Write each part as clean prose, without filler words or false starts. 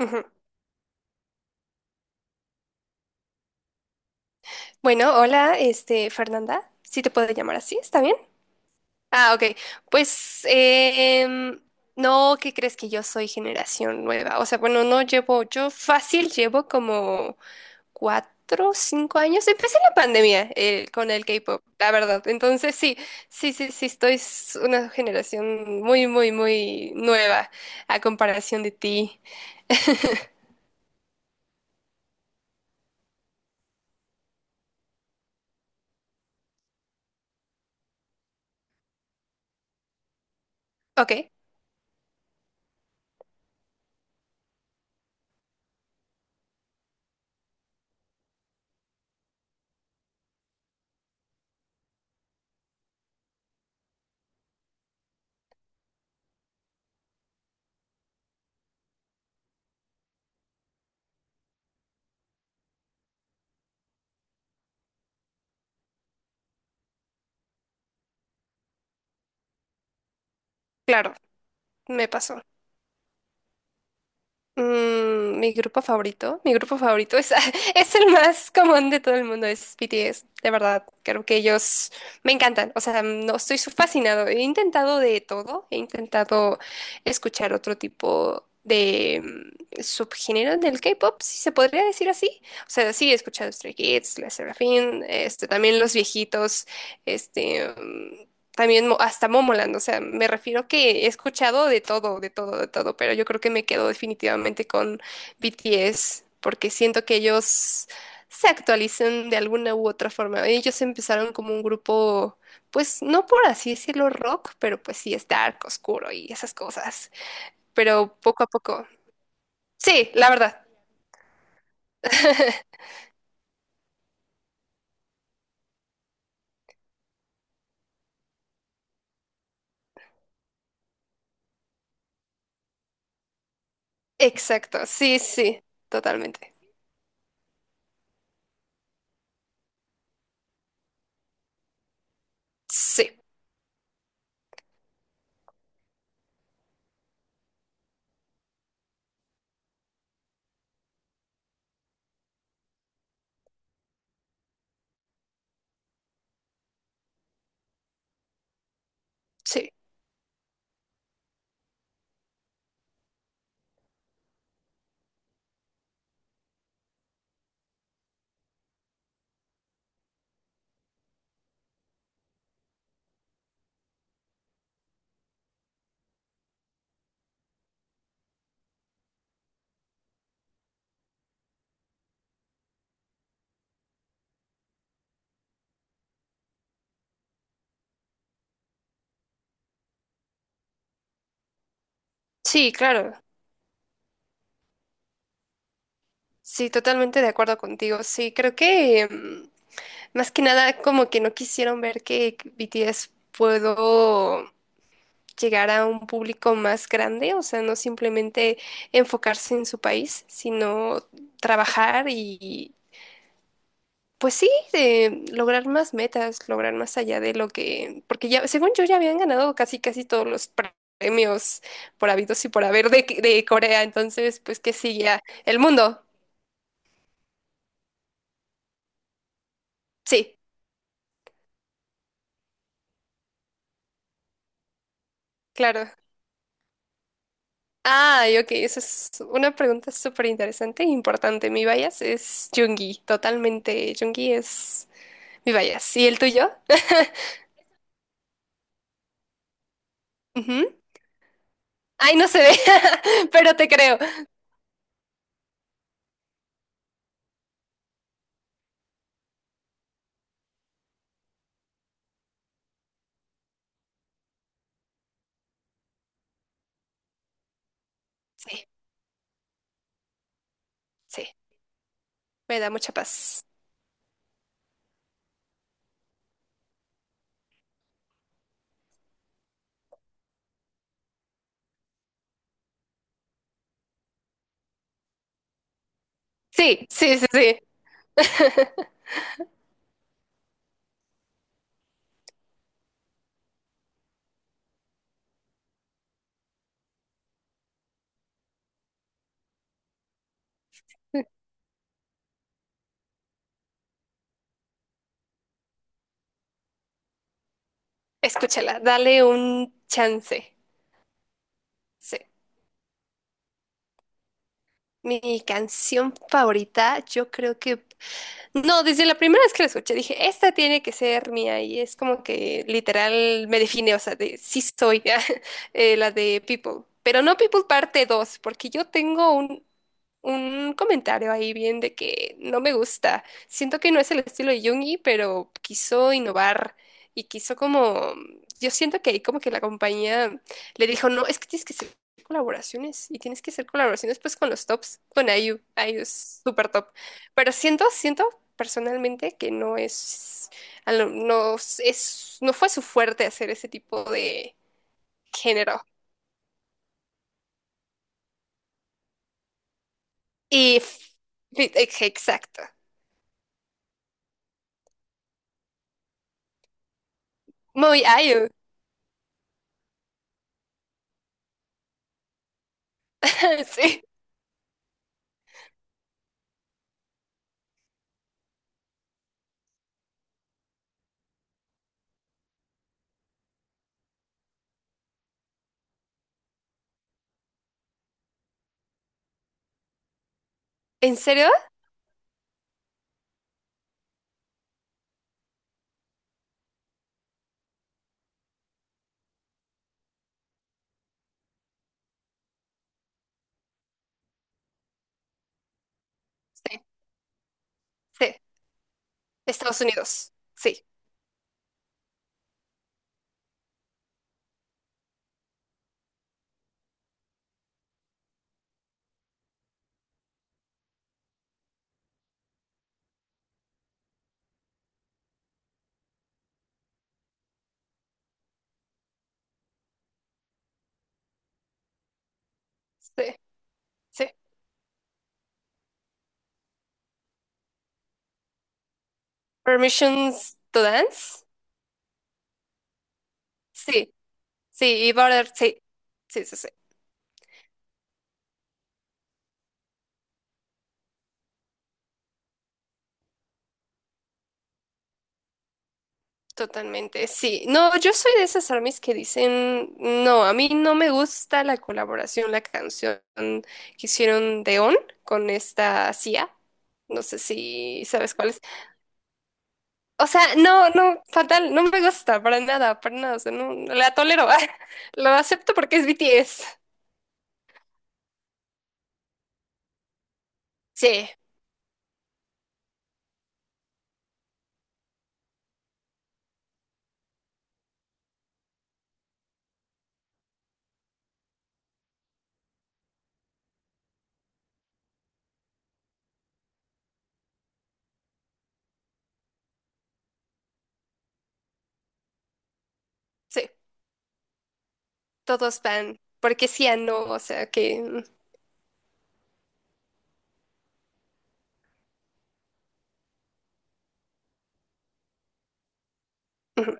Ujú. Bueno, hola, este, Fernanda, si te puedo llamar así, ¿está bien? Ah, ok. Pues, no, ¿qué crees que yo soy generación nueva? O sea, bueno, no llevo, yo fácil llevo como 4, 5 años. Empecé la pandemia con el K-pop, la verdad. Entonces, sí, sí, sí, sí, estoy una generación muy, muy, muy nueva a comparación de ti. Ok, claro, me pasó. Mm, mi grupo favorito es, es el más común de todo el mundo, es BTS, de verdad, creo que ellos me encantan, o sea, no estoy fascinado, he intentado de todo, he intentado escuchar otro tipo de subgénero del K-pop, si se podría decir así, o sea, sí he escuchado Stray Kids, La Serafín, este, también los viejitos, este, mm, también hasta Momoland, o sea, me refiero que he escuchado de todo, de todo, de todo, pero yo creo que me quedo definitivamente con BTS porque siento que ellos se actualizan de alguna u otra forma. Ellos empezaron como un grupo, pues no por así decirlo rock, pero pues sí es dark, oscuro y esas cosas. Pero poco a poco. Sí, la verdad. Exacto, sí, sí, totalmente. Sí, sí, sí, claro. Sí, totalmente de acuerdo contigo. Sí, creo que... más que nada, como que no quisieron ver que BTS puedo llegar a un público más grande, o sea, no simplemente enfocarse en su país, sino trabajar y, pues sí, de lograr más metas, lograr más allá de lo que, porque ya, según yo, ya habían ganado casi, casi todos los premios por habidos y por haber de Corea, entonces, pues que sí, ya, el mundo, sí, claro. Ay, ok, esa es una pregunta súper interesante e importante. Mi bias es Jungi, totalmente. Jungi es mi bias. ¿Y el tuyo? Ujú. Ay, no se ve, pero te creo. Sí, sí, me da mucha paz. Sí, sí, sí, sí. Escúchala, dale un chance. Sí. Mi canción favorita, yo creo que no, desde la primera vez que la escuché dije, esta tiene que ser mía y es como que literal me define, o sea, de sí soy la de People, pero no People parte 2 porque yo tengo un comentario ahí bien de que no me gusta. Siento que no es el estilo de Jungi, pero quiso innovar y quiso como, yo siento que ahí como que la compañía le dijo, no, es que tienes que hacer colaboraciones y tienes que hacer colaboraciones pues con los tops, con IU, IU es súper top. Pero siento, siento personalmente que no es, no es, no fue su fuerte hacer ese tipo de género. Y exacto. Muy IU. Sí. ¿En serio? Sí, sí. De Estados Unidos. Sí, sí, sí. Permissions to Dance. Sí, sí. Y Border, sí. Sí, sí, sí. Totalmente, sí. No, yo soy de esas armies que dicen, no, a mí no me gusta la colaboración, la canción que hicieron de On con esta CIA. No sé si sabes cuál es. O sea, no, no, fatal, no me gusta para nada, para nada. O sea, no, la tolero. Lo acepto porque es BTS. Sí, sí. Todos van, porque sí a no, o sea que ujú,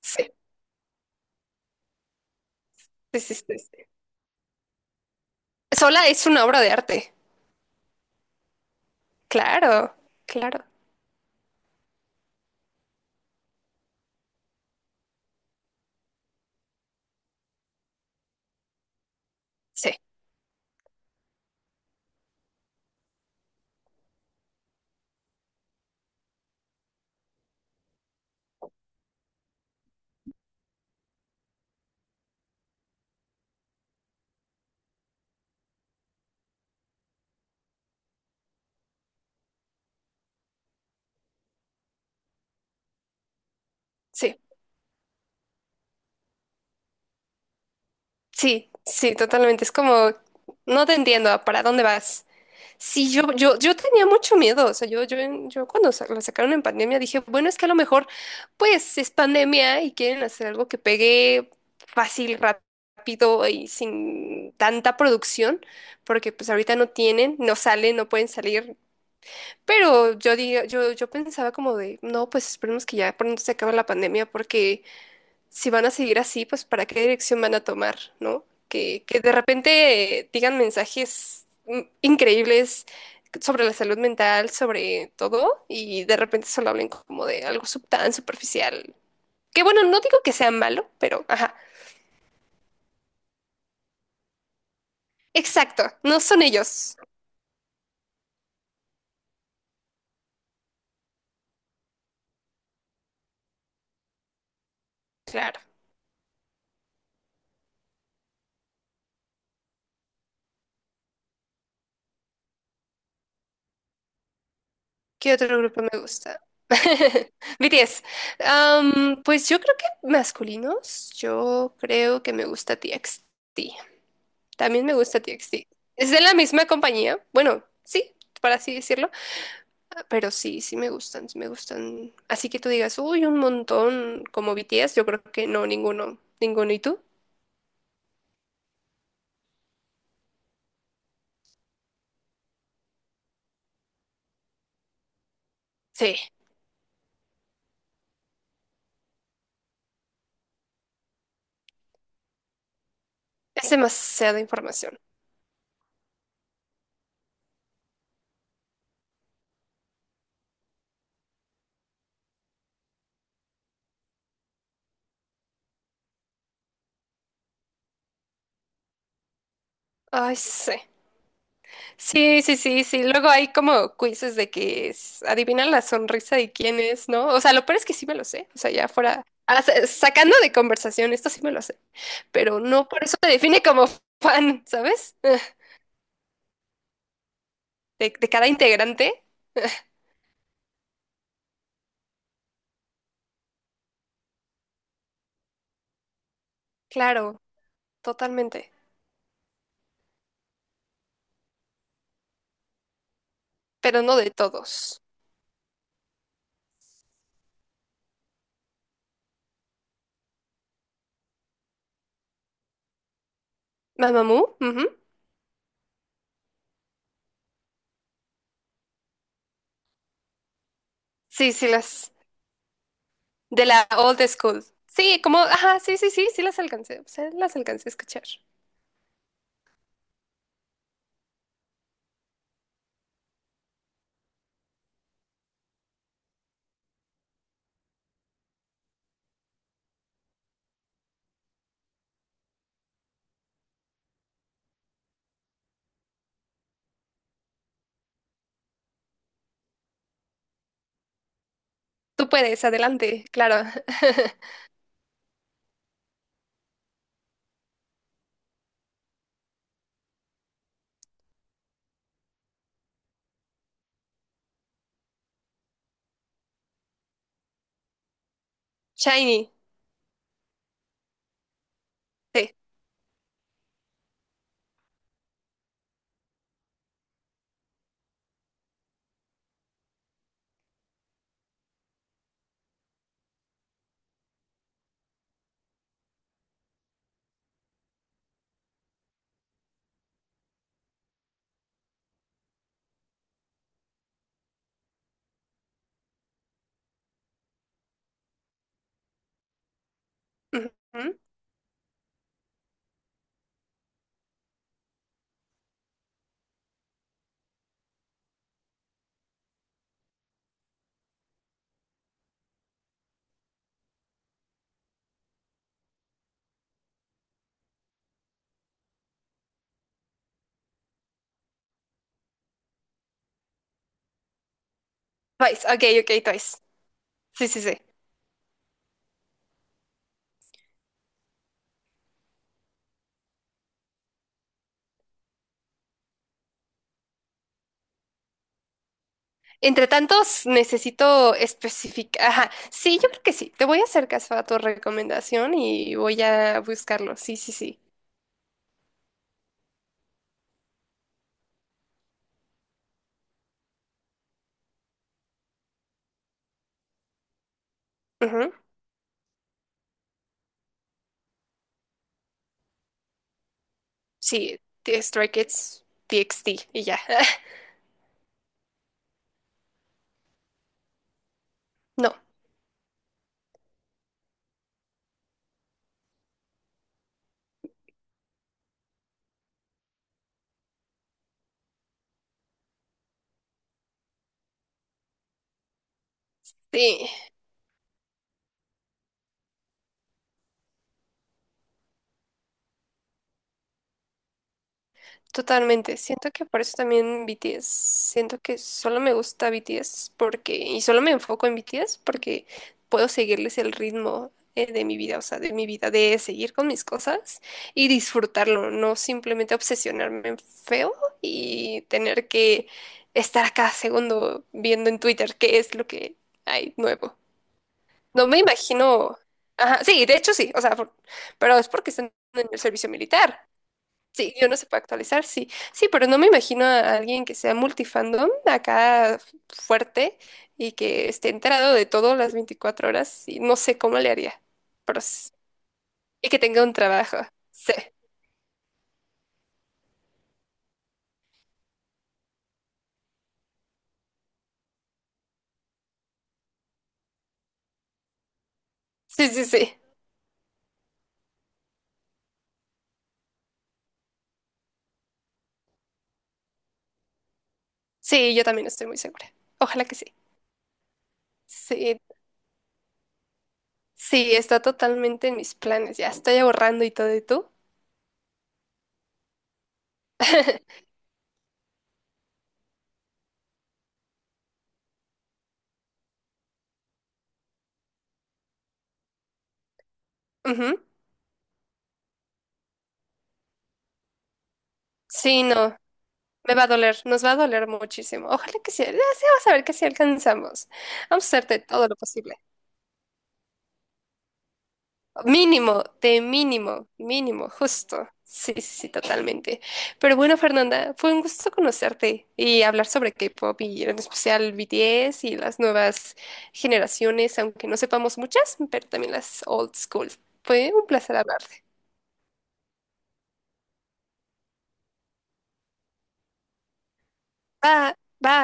sí, sí, sí, sí, sí. Sola es una obra de arte, claro, claro, sí, sí, sí, sí, totalmente. Es como, no te entiendo, ¿para dónde vas? Sí, yo tenía mucho miedo, o sea, yo cuando lo sacaron en pandemia dije, bueno, es que a lo mejor, pues, es pandemia y quieren hacer algo que pegue fácil, rápido y sin tanta producción porque pues ahorita no tienen, no salen, no pueden salir. Pero yo diga, yo pensaba como de, no, pues esperemos que ya pronto se acabe la pandemia, porque si van a seguir así, pues para qué dirección van a tomar, ¿no? Que de repente digan mensajes increíbles sobre la salud mental, sobre todo, y de repente solo hablen como de algo tan superficial. Que bueno, no digo que sea malo, pero ajá. Exacto, no son ellos. Claro. ¿Qué otro grupo me gusta? BTS. Pues yo creo que masculinos, yo creo que me gusta TXT. También me gusta TXT. Es de la misma compañía. Bueno, sí, para así decirlo. Ah, pero sí, sí me gustan, sí me gustan. Así que tú digas, uy, un montón como BTS, yo creo que no, ninguno. Ninguno. ¿Y tú? Sí, es demasiada información. Ay, sí. Sí, sí, sí, sí. Luego hay como quizzes de que es, adivinan la sonrisa de quién es, ¿no? O sea, lo peor es que sí me lo sé. O sea, ya fuera, ah, sacando de conversación, esto sí me lo sé. Pero no por eso te define como fan, ¿sabes? De cada integrante. Claro, totalmente. Pero no de todos. Mamamoo, ujú. Sí, sí, las de la old school. Sí, como, ajá, sí, sí, sí, sí las alcancé. O sea, las alcancé a escuchar. Tú puedes, adelante, claro. Shiny. Sí. Ujú. Twice, ok, ok, Twice. Sí, sí, sí. Entre tantos, necesito especificar. Ajá, sí, yo creo que sí. Te voy a hacer caso a tu recomendación y voy a buscarlo. Sí, sí, sí. Ujú. Sí, The Stray Kids, TXT y ya. No, sí. Totalmente. Siento que por eso también BTS. Siento que solo me gusta BTS porque, y solo me enfoco en BTS porque puedo seguirles el ritmo de mi vida, o sea, de mi vida, de seguir con mis cosas y disfrutarlo, no simplemente obsesionarme en feo y tener que estar a cada segundo viendo en Twitter qué es lo que hay nuevo. No me imagino. Ajá, sí, de hecho sí, o sea, pero es porque están en el servicio militar. Sí, yo no se puede actualizar, sí. Sí, pero no me imagino a alguien que sea multifandom acá fuerte y que esté enterado de todo las 24 horas y no sé cómo le haría. Pero y que tenga un trabajo. Sí, sí, sí, sí. Sí, yo también estoy muy segura. Ojalá que sí. Sí, sí, está totalmente en mis planes. Ya estoy ahorrando y todo, ¿y tú? Ujú. Sí, no, me va a doler, nos va a doler muchísimo. Ojalá que sí, ya sí, vamos a ver que sí alcanzamos. Vamos a hacerte todo lo posible. Mínimo, de mínimo, mínimo, justo. Sí, sí, sí, totalmente. Pero bueno, Fernanda, fue un gusto conocerte y hablar sobre K-pop y en especial BTS y las nuevas generaciones, aunque no sepamos muchas, pero también las old school. Fue un placer hablarte. Bye, bye.